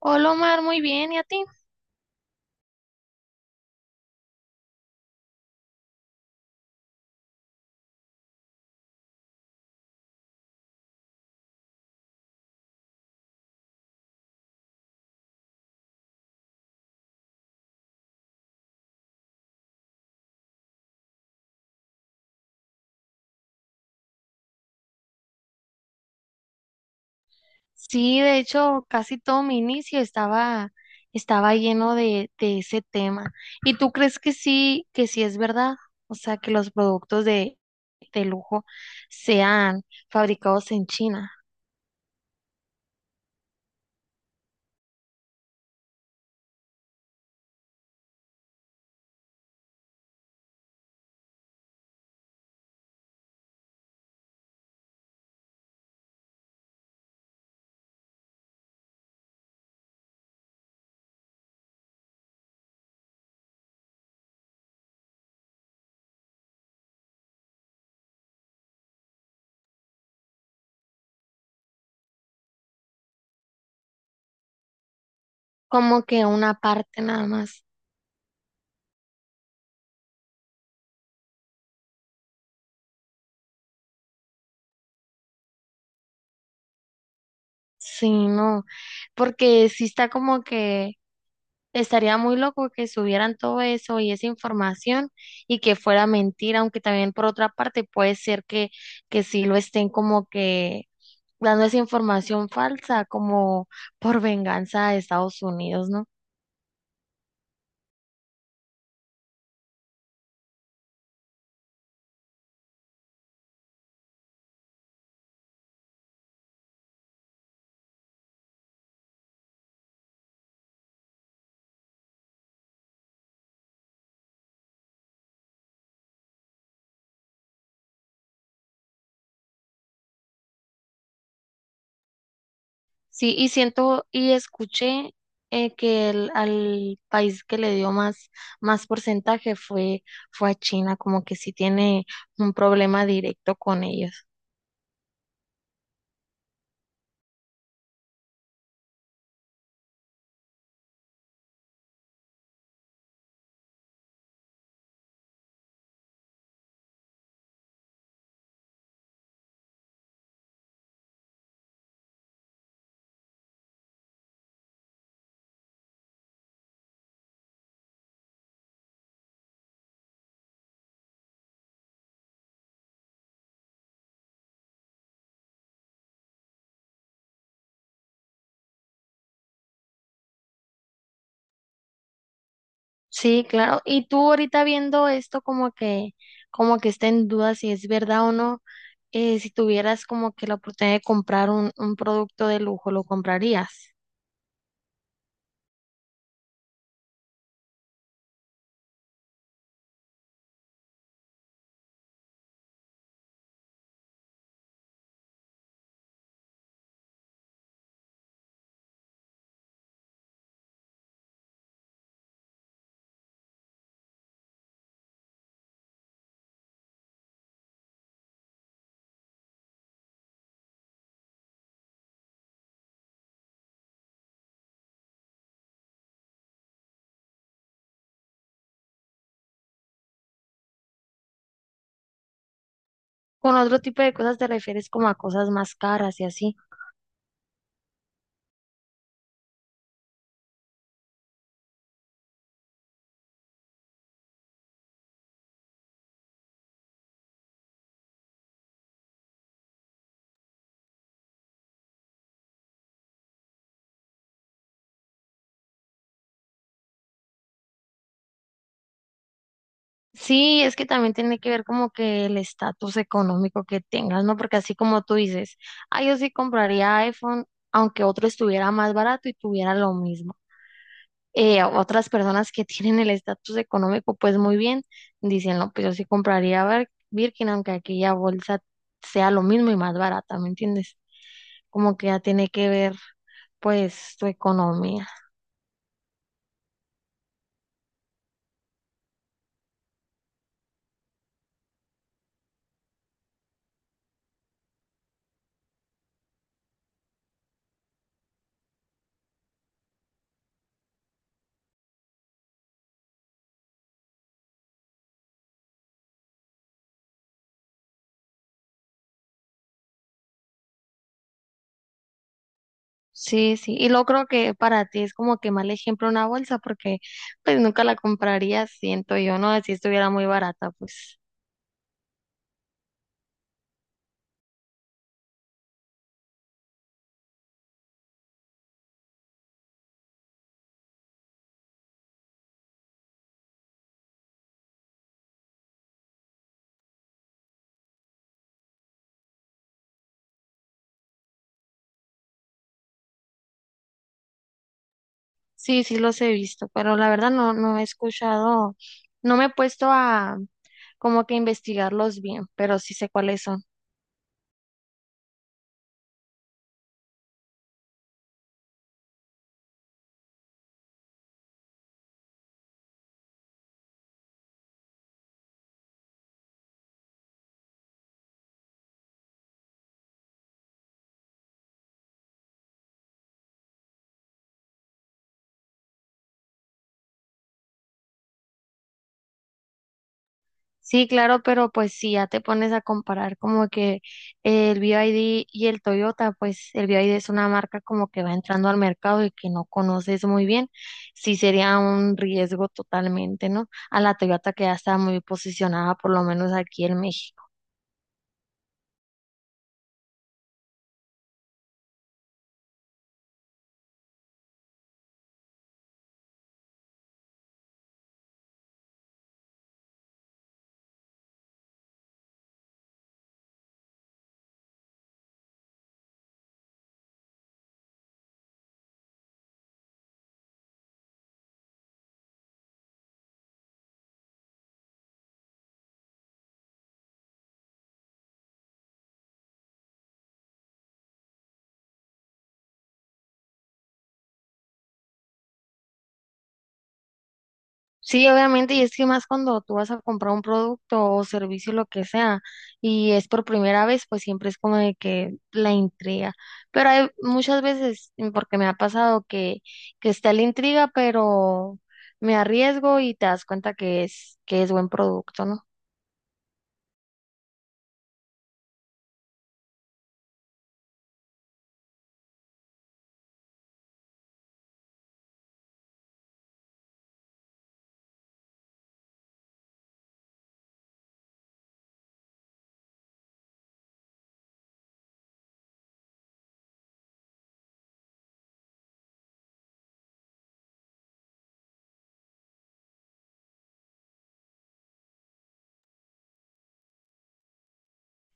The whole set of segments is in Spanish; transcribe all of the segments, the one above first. Hola Omar, muy bien, ¿y a ti? Sí, de hecho, casi todo mi inicio estaba lleno de ese tema. ¿Y tú crees que sí es verdad? O sea, que los productos de lujo sean fabricados en China, como que una parte nada más. Sí, no, porque sí está como que estaría muy loco que subieran todo eso y esa información y que fuera mentira, aunque también por otra parte puede ser que sí lo estén como que dando esa información falsa como por venganza de Estados Unidos, ¿no? Sí, y siento y escuché que al país que le dio más porcentaje fue a China, como que sí tiene un problema directo con ellos. Sí, claro. Y tú ahorita viendo esto como que está en duda si es verdad o no, si tuvieras como que la oportunidad de comprar un producto de lujo, ¿lo comprarías? Con otro tipo de cosas te refieres como a cosas más caras y así. Sí, es que también tiene que ver como que el estatus económico que tengas, ¿no? Porque así como tú dices, ah, yo sí compraría iPhone, aunque otro estuviera más barato y tuviera lo mismo. Otras personas que tienen el estatus económico, pues muy bien, dicen, no, pues yo sí compraría Birkin, aunque aquella bolsa sea lo mismo y más barata, ¿me entiendes? Como que ya tiene que ver, pues, tu economía. Sí, sí, y lo creo que para ti es como que mal ejemplo una bolsa, porque pues nunca la compraría, siento yo, ¿no? Si estuviera muy barata, pues. Sí, sí los he visto, pero la verdad no, no he escuchado, no me he puesto a como que investigarlos bien, pero sí sé cuáles son. Sí, claro, pero pues si ya te pones a comparar como que el BYD y D y el Toyota, pues el BYD es una marca como que va entrando al mercado y que no conoces muy bien, sí sería un riesgo totalmente, ¿no? A la Toyota que ya está muy posicionada, por lo menos aquí en México. Sí, obviamente, y es que más cuando tú vas a comprar un producto o servicio, lo que sea, y es por primera vez, pues siempre es como de que la intriga. Pero hay muchas veces, porque me ha pasado que está la intriga, pero me arriesgo y te das cuenta que es buen producto, ¿no?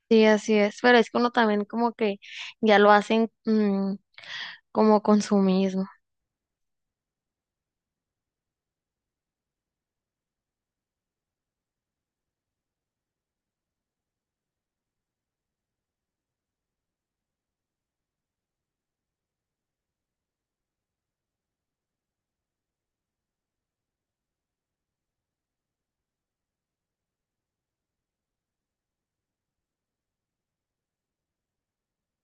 Sí, así es. Pero es que uno también como que ya lo hacen como consumismo.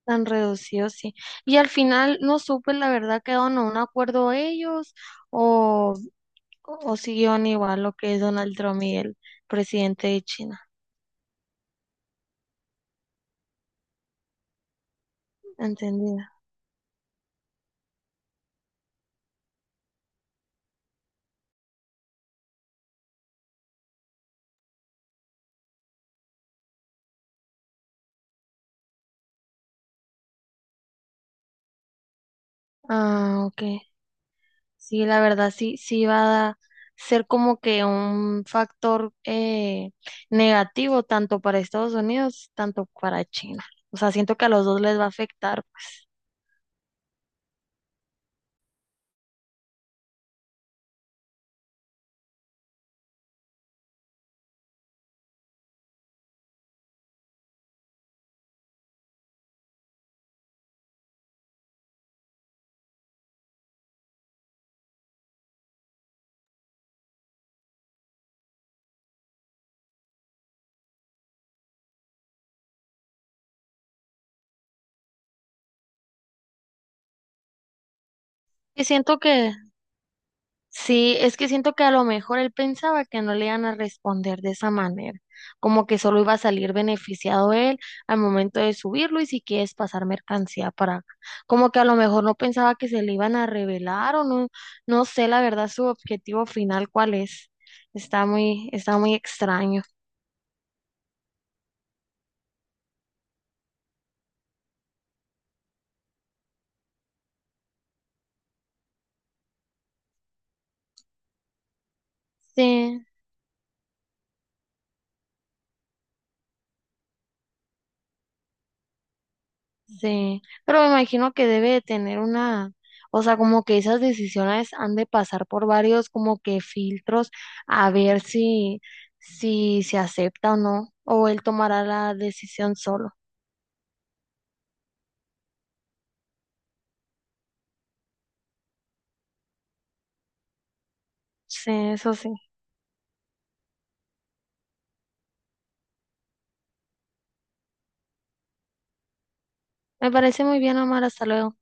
Tan reducido, sí. Y al final no supe, la verdad, quedaron a un acuerdo ellos o siguieron igual lo que es Donald Trump y el presidente de China. Entendida. Ah, ok. Sí, la verdad sí, sí va a ser como que un factor negativo tanto para Estados Unidos, tanto para China. O sea, siento que a los dos les va a afectar, pues. Y siento que Sí, es que siento que a lo mejor él pensaba que no le iban a responder de esa manera, como que solo iba a salir beneficiado él al momento de subirlo y si quieres pasar mercancía para acá, como que a lo mejor no pensaba que se le iban a revelar o no, no sé la verdad su objetivo final cuál es, está muy extraño. Sí. Sí, pero me imagino que debe de tener una, o sea, como que esas decisiones han de pasar por varios como que filtros a ver si se acepta o no, o él tomará la decisión solo. Sí, eso sí. Me parece muy bien, Omar, hasta luego.